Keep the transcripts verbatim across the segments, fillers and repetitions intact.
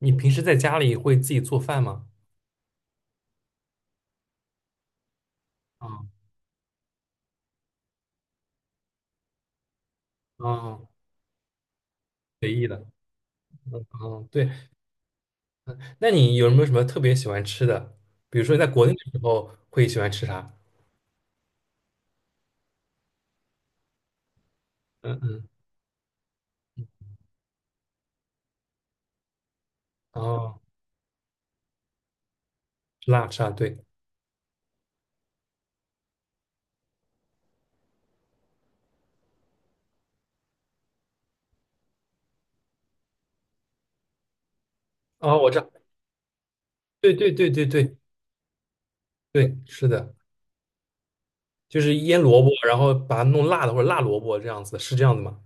你平时在家里会自己做饭吗？啊啊啊！对，那你有没有什么特别喜欢吃的？比如说你在国内的时候会喜欢吃啥？嗯嗯，哦，吃辣吃辣，对，哦，我知道，对对对对对对，是的，就是腌萝卜，然后把它弄辣的或者辣萝卜这样子，是这样子吗？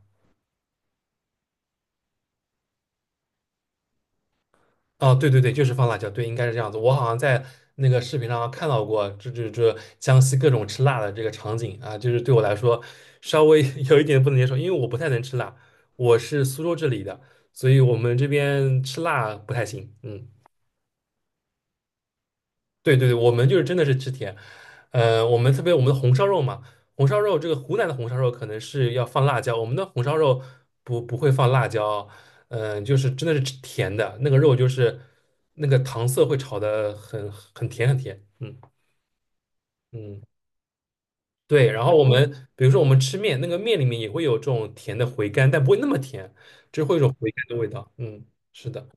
哦，对对对，就是放辣椒，对，应该是这样子。我好像在那个视频上看到过，这这这江西各种吃辣的这个场景啊，就是对我来说稍微 有一点不能接受，因为我不太能吃辣，我是苏州这里的，所以我们这边吃辣不太行。嗯。对对对，我们就是真的是吃甜，呃，我们特别我们的红烧肉嘛，红烧肉这个湖南的红烧肉可能是要放辣椒，我们的红烧肉不不会放辣椒，嗯、就是真的是吃甜的，那个肉就是那个糖色会炒的很很甜很甜，嗯嗯，对，然后我们比如说我们吃面，那个面里面也会有这种甜的回甘，但不会那么甜，就是会有一种回甘的味道，嗯，是的。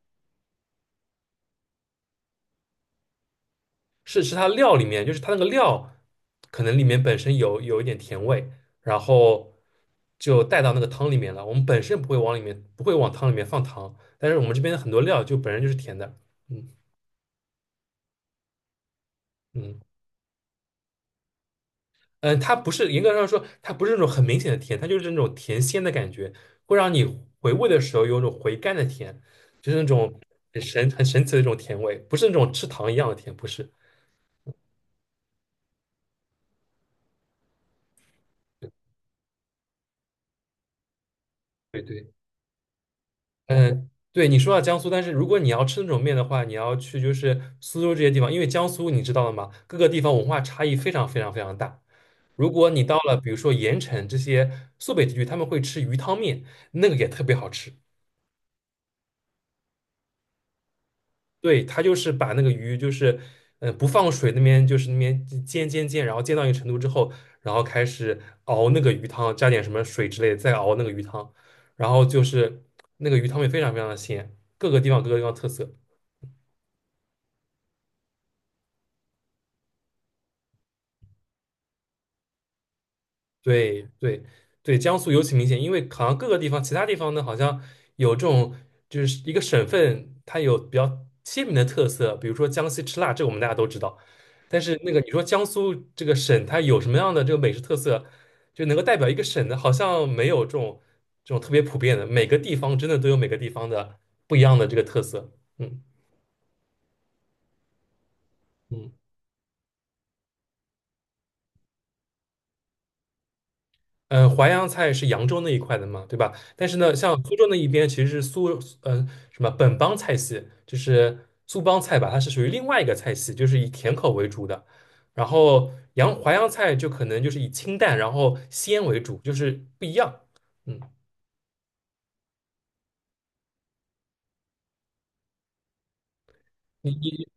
是是它料里面，就是它那个料可能里面本身有有一点甜味，然后就带到那个汤里面了。我们本身不会往里面不会往汤里面放糖，但是我们这边的很多料就本身就是甜的。嗯嗯嗯，它不是严格上说，它不是那种很明显的甜，它就是那种甜鲜的感觉，会让你回味的时候有一种回甘的甜，就是那种很神很神奇的一种甜味，不是那种吃糖一样的甜，不是。对对。嗯，呃对，你说到江苏，但是如果你要吃那种面的话，你要去就是苏州这些地方，因为江苏你知道的嘛，各个地方文化差异非常非常非常大。如果你到了比如说盐城这些苏北地区，他们会吃鱼汤面，那个也特别好吃。对，他就是把那个鱼就是，嗯，不放水那边就是那边煎煎煎，然后煎到一个程度之后，然后开始熬那个鱼汤，加点什么水之类的，再熬那个鱼汤，然后就是那个鱼汤面非常非常的鲜，各个地方各个地方特色。对对对，江苏尤其明显，因为好像各个地方，其他地方呢，好像有这种就是一个省份，它有比较鲜明的特色，比如说江西吃辣，这个我们大家都知道。但是那个你说江苏这个省，它有什么样的这个美食特色，就能够代表一个省的，好像没有这种这种特别普遍的，每个地方真的都有每个地方的不一样的这个特色。嗯嗯。呃，淮扬菜是扬州那一块的嘛，对吧？但是呢，像苏州那一边其实是苏，呃，什么本帮菜系，就是苏帮菜吧，它是属于另外一个菜系，就是以甜口为主的。然后扬淮扬菜就可能就是以清淡，然后鲜为主，就是不一样。嗯，你你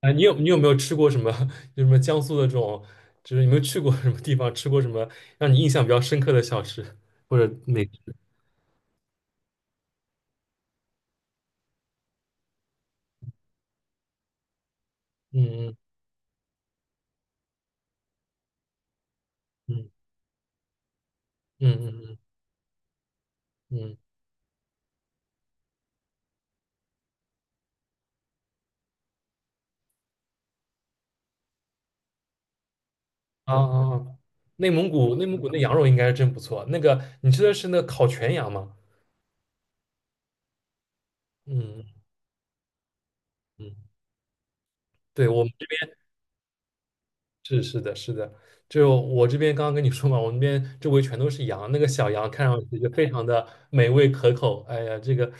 啊，你有你有没有吃过什么？就什么江苏的这种，就是有没有去过什么地方，吃过什么让你印象比较深刻的小吃或者美食？嗯嗯嗯嗯嗯嗯嗯。啊啊啊！内蒙古内蒙古那羊肉应该是真不错。那个你吃的是那个烤全羊吗？嗯嗯，对，我们这边是是的是的，就我这边刚刚跟你说嘛，我们这边周围全都是羊，那个小羊看上去就非常的美味可口。哎呀，这个，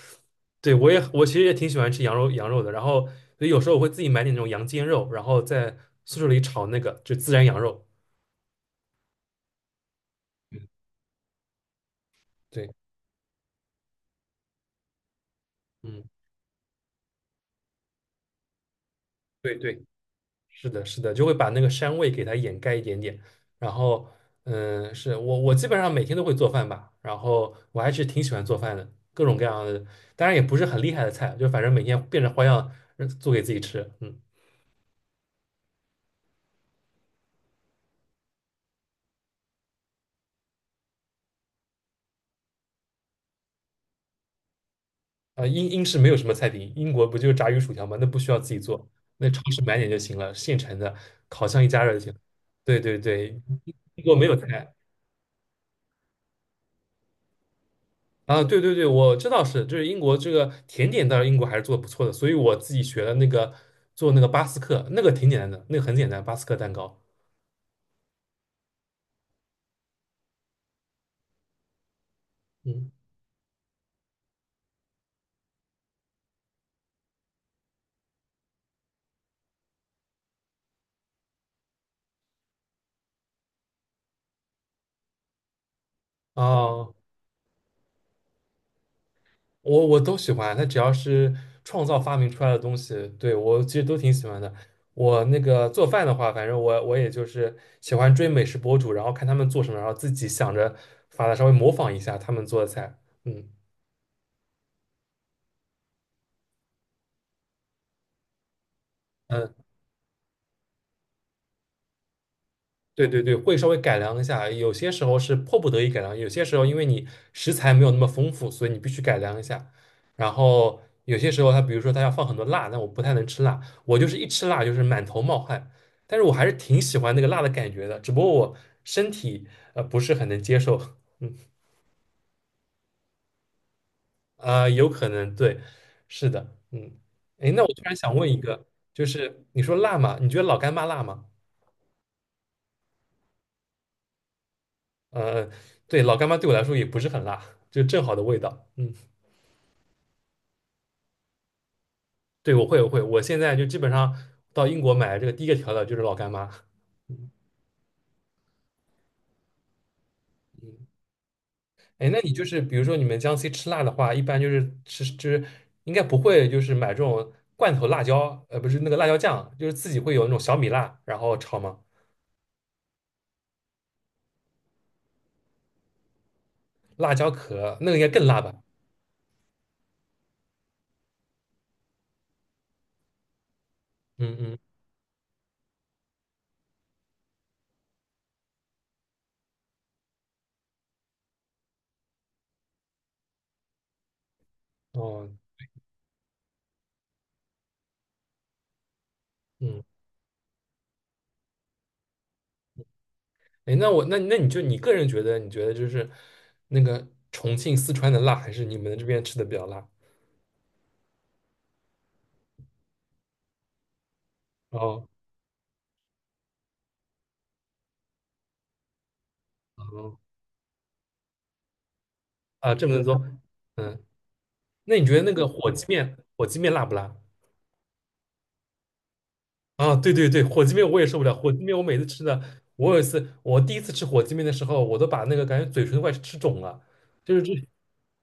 对我也我其实也挺喜欢吃羊肉羊肉的，然后所以有时候我会自己买点那种羊肩肉，然后在宿舍里炒那个就孜然羊肉。嗯，对，嗯，对对。是的，是的，就会把那个膻味给它掩盖一点点。然后，嗯，是我我基本上每天都会做饭吧，然后我还是挺喜欢做饭的，各种各样的，当然也不是很厉害的菜，就反正每天变着花样呃做给自己吃。嗯，呃，英英式没有什么菜品，英国不就是炸鱼薯条吗？那不需要自己做，那超市买点就行了，现成的，烤箱一加热就行。对对对，英国没有菜，啊，对对对，我知道是，就是英国这个甜点，当然英国还是做的不错的，所以我自己学了那个做那个巴斯克，那个挺简单的，那个很简单，巴斯克蛋糕。嗯，啊，我我都喜欢，它只要是创造发明出来的东西，对，我其实都挺喜欢的。我那个做饭的话，反正我我也就是喜欢追美食博主，然后看他们做什么，然后自己想着法子稍微模仿一下他们做的菜。嗯嗯。对对对，会稍微改良一下，有些时候是迫不得已改良，有些时候因为你食材没有那么丰富，所以你必须改良一下。然后有些时候它，比如说它要放很多辣，但我不太能吃辣，我就是一吃辣就是满头冒汗，但是我还是挺喜欢那个辣的感觉的，只不过我身体呃不是很能接受，嗯啊、有可能对，是的，嗯，哎，那我突然想问一个，就是你说辣嘛，你觉得老干妈辣吗？呃，对，老干妈对我来说也不是很辣，就正好的味道，嗯。对，我会，我会，我现在就基本上到英国买这个第一个调料就是老干妈。哎，那你就是比如说你们江西吃辣的话，一般就是吃就是应该不会就是买这种罐头辣椒，呃，不是那个辣椒酱，就是自己会有那种小米辣，然后炒吗？辣椒壳那个应该更辣吧？嗯嗯，哦，嗯，哎，那我那那你就你个人觉得，你觉得就是那个重庆、四川的辣，还是你们这边吃的比较辣？哦，哦，啊，这么多，嗯，那你觉得那个火鸡面，火鸡面辣不辣？啊，对对对，火鸡面我也受不了。火鸡面我每次吃的，我有一次，我第一次吃火鸡面的时候，我都把那个感觉嘴唇都快吃肿了，就是这，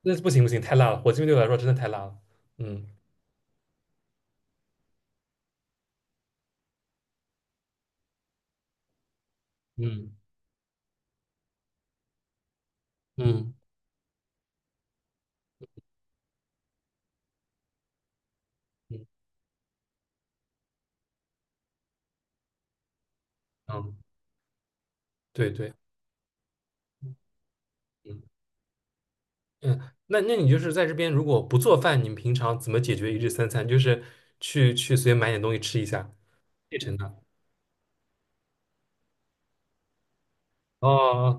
那不行不行，太辣了。火鸡面对我来说真的太辣了。嗯嗯嗯嗯嗯，对对，嗯嗯，那那你就是在这边如果不做饭，你们平常怎么解决一日三餐？就是去去随便买点东西吃一下，现成的。哦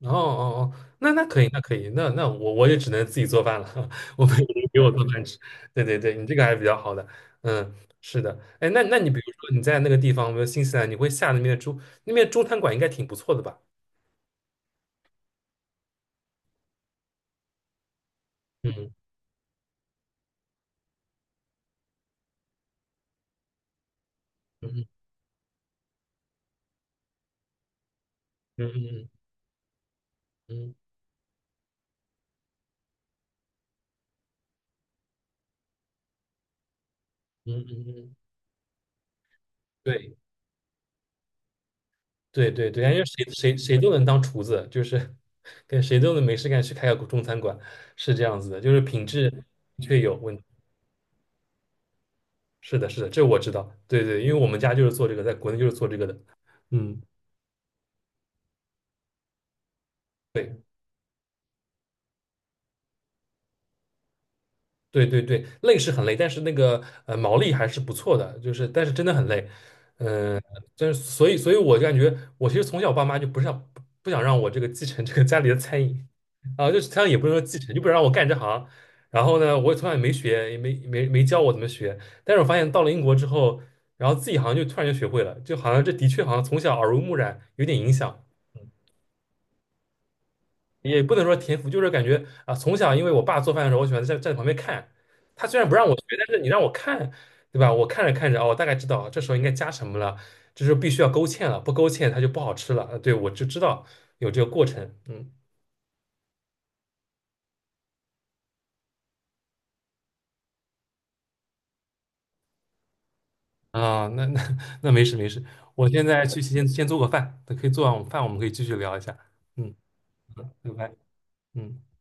哦哦哦，那那可以，那可以，那那我我也只能自己做饭了，我没有人给我做饭吃。对对对，你这个还是比较好的，嗯，是的，哎，那那你比如说你在那个地方，比如新西兰，你会下那边的中那边中餐馆应该挺不错的吧？嗯嗯嗯嗯嗯嗯嗯嗯，嗯对对对对，因为谁谁谁都能当厨子，就是跟谁都能没事干去开个中餐馆，是这样子的，就是品质的确有问题。是的，是的，这我知道。对对，因为我们家就是做这个，在国内就是做这个的。嗯，对对对对，累是很累，但是那个呃毛利还是不错的，就是但是真的很累。嗯、但是所以所以我就感觉我其实从小爸妈就不是想不不想让我这个继承这个家里的餐饮，啊，就是他也不是说继承，就不让我干这行。然后呢，我也从来也没学，也没没没教我怎么学。但是我发现到了英国之后，然后自己好像就突然就学会了，就好像这的确好像从小耳濡目染，有点影响。嗯也不能说天赋，就是感觉啊，从小因为我爸做饭的时候，我喜欢在站在旁边看。他虽然不让我学，但是你让我看，对吧？我看着看着，哦，我大概知道这时候应该加什么了，这时候必须要勾芡了，不勾芡它就不好吃了。呃对，我就知道有这个过程。嗯，啊，那那 那没事没事，我现在去先先做个饭，等可以做完饭我们可以继续聊一下。嗯，拜拜。嗯。